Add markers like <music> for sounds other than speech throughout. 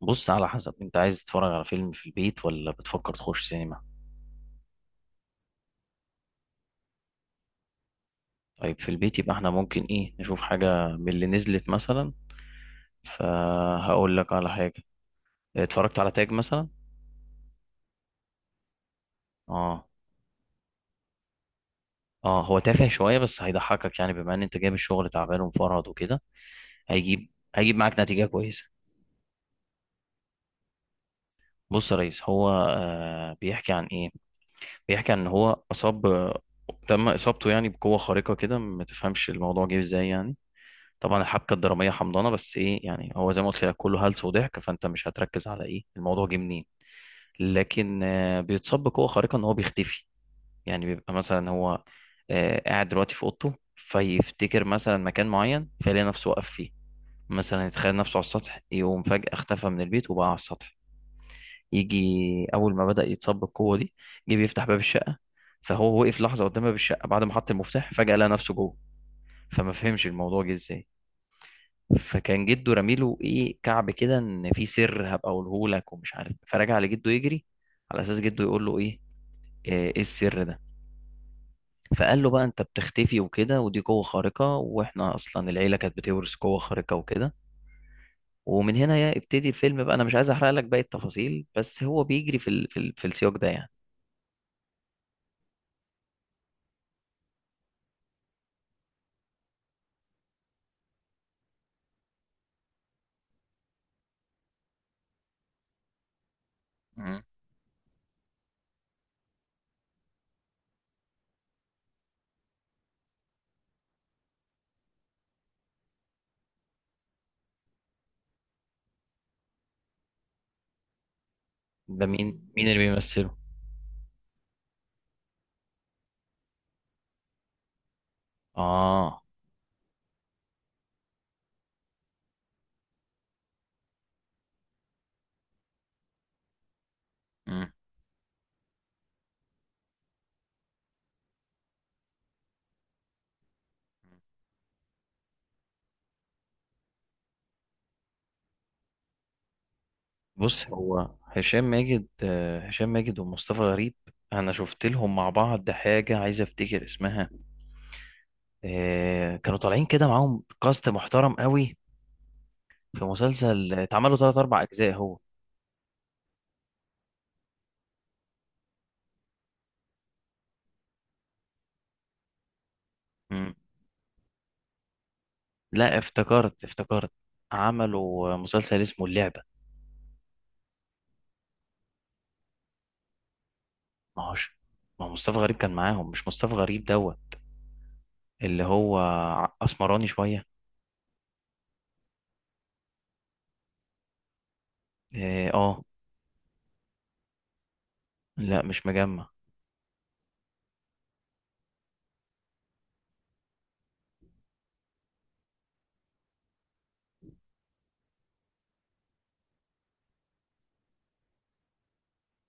بص، على حسب انت عايز تتفرج على فيلم في البيت ولا بتفكر تخش سينما. طيب في البيت يبقى احنا ممكن نشوف حاجة من اللي نزلت مثلا. فهقول لك على حاجة، اتفرجت على تاج مثلا. اه اه، هو تافه شوية بس هيضحكك، يعني بما ان انت جاي من الشغل تعبان ومفرهد وكده. هيجيب معاك نتيجة كويسة. بص يا ريس، هو بيحكي عن ايه؟ بيحكي عن ان هو اصاب، تم اصابته يعني بقوة خارقة كده، ما تفهمش الموضوع جه ازاي يعني. طبعا الحبكه الدراميه حمضانه، بس ايه يعني، هو زي ما قلت لك كله هلس وضحك، فانت مش هتركز على ايه الموضوع جه منين. لكن بيتصاب بقوه خارقه ان هو بيختفي. يعني بيبقى مثلا هو قاعد دلوقتي في اوضته، فيفتكر مثلا مكان معين فيلاقي نفسه واقف فيه. مثلا يتخيل نفسه على السطح، يقوم فجأة اختفى من البيت وبقى على السطح. يجي أول ما بدأ يتصاب بالقوة دي، جه بيفتح باب الشقة، فهو وقف لحظة قدام باب الشقة، بعد ما حط المفتاح فجأة لقى نفسه جوه، فما فهمش الموضوع جه ازاي. فكان جده رميله ايه كعب كده، ان في سر هبقى اقوله لك ومش عارف، فرجع لجده يجري على اساس جده يقول له ايه، إيه السر ده. فقال له بقى انت بتختفي وكده، ودي قوة خارقة، واحنا اصلا العيلة كانت بتورث قوة خارقة وكده. ومن هنا يبتدي الفيلم بقى. انا مش عايز احرق لك باقي التفاصيل، بس هو بيجري في السياق ده يعني. مم. ده مين، مين اللي بيمثله؟ اه. مم. بص، هو هشام ماجد، هشام ماجد ومصطفى غريب، انا شفت لهم مع بعض حاجه عايز افتكر اسمها. كانوا طالعين كده معاهم كاست محترم قوي في مسلسل، اتعملوا ثلاث اربع اجزاء هو. مم. لا، افتكرت. عملوا مسلسل اسمه اللعبه. ما هوش، ما هو مصطفى غريب كان معاهم، مش مصطفى غريب دوت، اللي هو اسمراني شويه. اه. لا مش مجمع.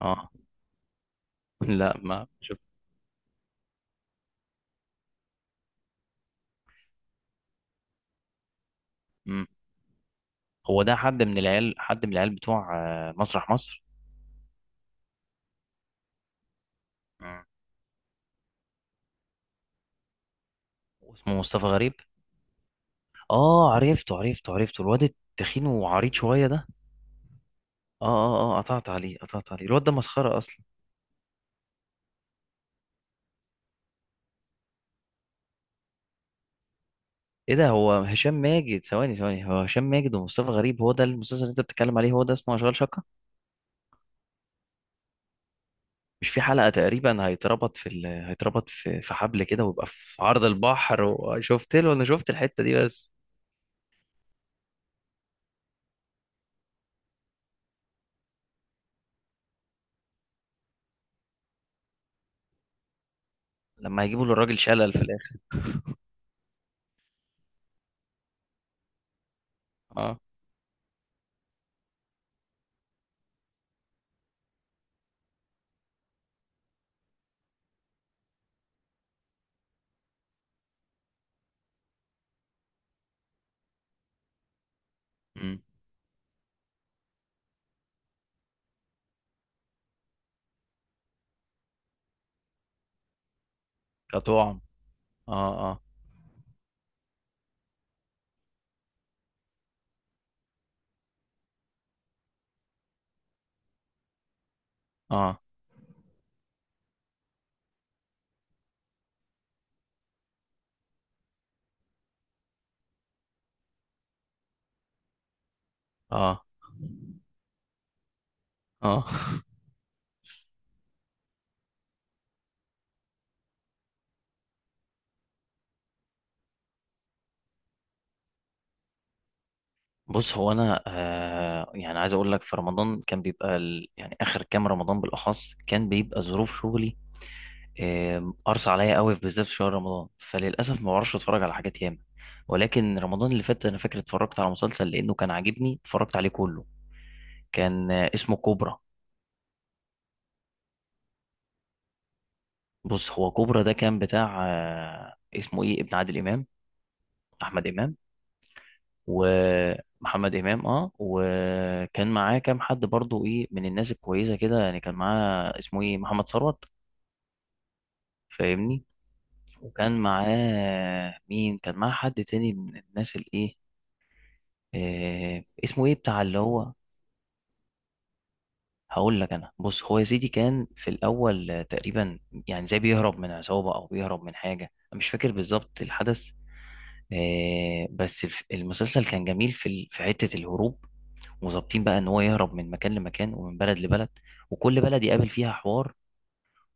اه. <laughs> لا ما شفت. هو ده حد من العيال، حد من العيال بتوع مسرح مصر؟ مم. اسمه مصطفى غريب. اه، عرفته الواد التخين وعريض شويه ده. اه اه اه، قطعت عليه الواد ده مسخره اصلا. ايه ده، هو هشام ماجد، ثواني ثواني، هو هشام ماجد ومصطفى غريب هو ده المسلسل اللي انت بتتكلم عليه؟ هو ده اسمه اشغال شقه؟ مش في حلقه تقريبا هيتربط في هيتربط في حبل كده ويبقى في عرض البحر، وشفت له انا شفت الحته دي بس. لما هيجيبوا له الراجل شلل في الاخر. اه. مم. كطعم. اه اه اه اه اه. بص هو انا يعني عايز اقول لك، في رمضان كان بيبقى يعني اخر كام رمضان بالاخص كان بيبقى ظروف شغلي قرص عليا قوي، بالذات في شهر رمضان، فللاسف ما بعرفش اتفرج على حاجات ياما. ولكن رمضان اللي فات انا فاكر اتفرجت على مسلسل لانه كان عاجبني، اتفرجت عليه كله. كان اسمه كوبرا. بص هو كوبرا ده كان بتاع اسمه ايه، ابن عادل امام، احمد امام، ومحمد امام. اه، وكان معاه كام حد برضو ايه، من الناس الكويسه كده، يعني كان معاه اسمه ايه، محمد ثروت، فاهمني. وكان معاه مين، كان معاه حد تاني من الناس الايه، اسمه ايه، بتاع اللي هو. هقول لك انا. بص، هو يا سيدي كان في الاول تقريبا يعني زي بيهرب من عصابه او بيهرب من حاجه، أنا مش فاكر بالظبط الحدث. بس المسلسل كان جميل في حته الهروب، وظابطين بقى ان هو يهرب من مكان لمكان ومن بلد لبلد، وكل بلد يقابل فيها حوار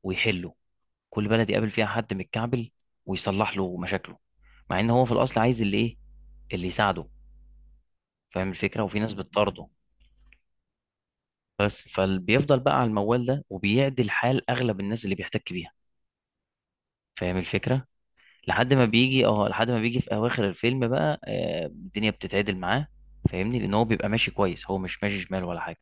ويحله، كل بلد يقابل فيها حد متكعبل ويصلح له مشاكله، مع ان هو في الاصل عايز اللي ايه، اللي يساعده، فاهم الفكره، وفي ناس بتطارده. بس فبيفضل بقى على الموال ده، وبيعدل حال اغلب الناس اللي بيحتك بيها، فاهم الفكره. لحد ما بيجي اه، لحد ما بيجي في اواخر الفيلم بقى الدنيا بتتعدل معاه، فاهمني، لان هو بيبقى ماشي كويس، هو مش ماشي شمال ولا حاجه.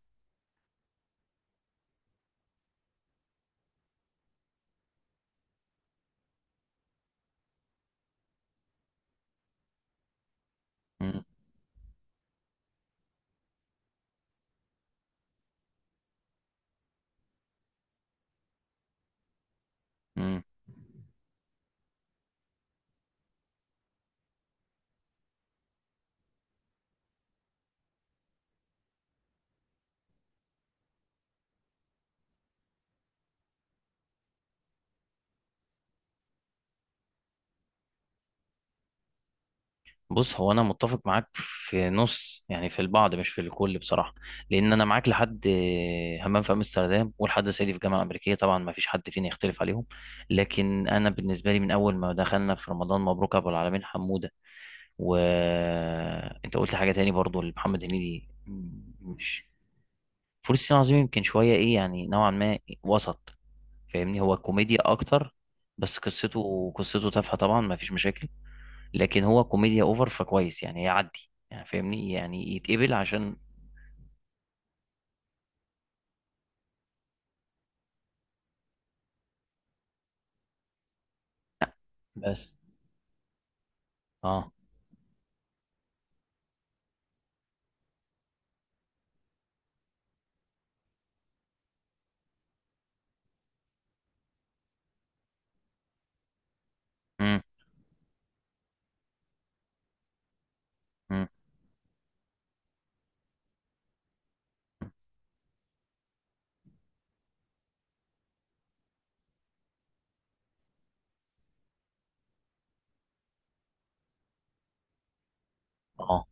امم. بص هو انا متفق معاك في نص يعني، في البعض مش في الكل بصراحه. لان انا معاك لحد همام في امستردام ولحد صعيدي في الجامعه الامريكيه، طبعا ما فيش حد فينا يختلف عليهم. لكن انا بالنسبه لي من اول ما دخلنا في رمضان مبروك ابو العالمين حموده، وانت قلت حاجه تاني برضو لمحمد هنيدي، مش فول الصين العظيم، يمكن شويه ايه يعني نوعا ما وسط، فاهمني، هو كوميديا اكتر. بس قصته تافهه طبعا، ما فيش مشاكل، لكن هو كوميديا اوفر، فكويس يعني يعدي يعني فاهمني يعني يتقبل عشان. بس. اه. امم. امم. اه.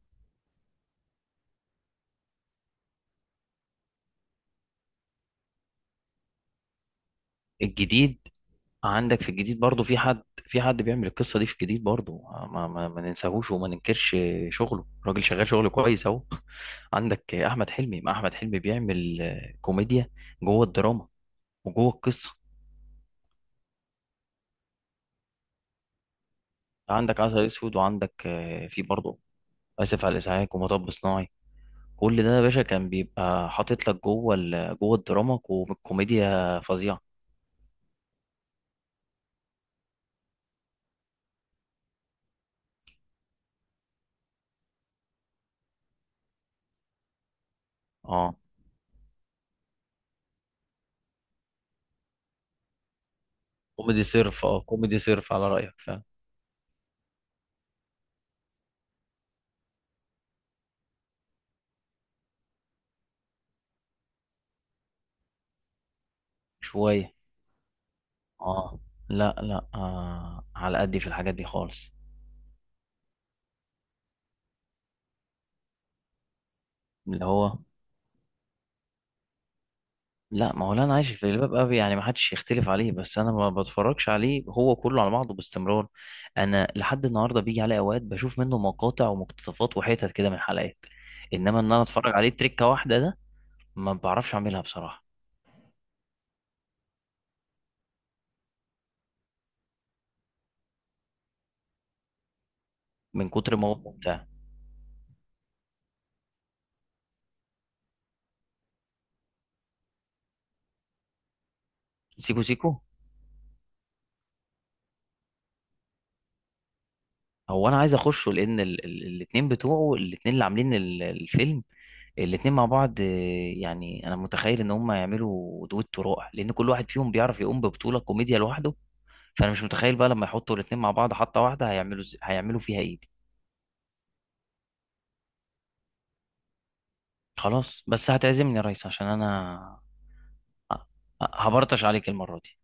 الجديد، عندك في الجديد برضو في حد، في حد بيعمل القصة دي في الجديد برضو، ما ننساهوش وما ننكرش، شغله الراجل شغال شغل كويس اهو. <laughs> عندك احمد حلمي، ما احمد حلمي بيعمل كوميديا جوه الدراما وجوه القصة. عندك عسل اسود، وعندك في برضو اسف على الازعاج، ومطب صناعي. كل ده يا باشا كان بيبقى حاطط لك جوه الدراما كوميديا فظيعه. اه كوميدي صرف، اه كوميدي صرف على رايك، فاهم. شويه. اه. لا لا على قدي في الحاجات دي خالص. اللي هو، لا ما هو، لا انا عايش في الباب قوي يعني، ما حدش يختلف عليه، بس انا ما بتفرجش عليه هو كله على بعضه باستمرار. انا لحد النهارده بيجي عليه اوقات بشوف منه مقاطع ومقتطفات وحتت كده من حلقات، انما ان انا اتفرج عليه تريكه واحده ده ما بعرفش اعملها بصراحه. من كتر ما هو ممتع. سيكو سيكو. هو انا عايز اخشه، لان الاتنين بتوعه، الاتنين اللي عاملين الفيلم، الاتنين مع بعض يعني انا متخيل ان هم يعملوا دويتو رائع، لان كل واحد فيهم بيعرف يقوم ببطولة كوميديا لوحده، فانا مش متخيل بقى لما يحطوا الاتنين مع بعض حطة واحدة هيعملوا هيعملوا فيها ايه دي. خلاص بس هتعزمني يا ريس عشان انا. أ- هبرطش عليك المرة دي.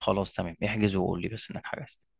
خلاص تمام، احجز وقول لي بس انك حجزت.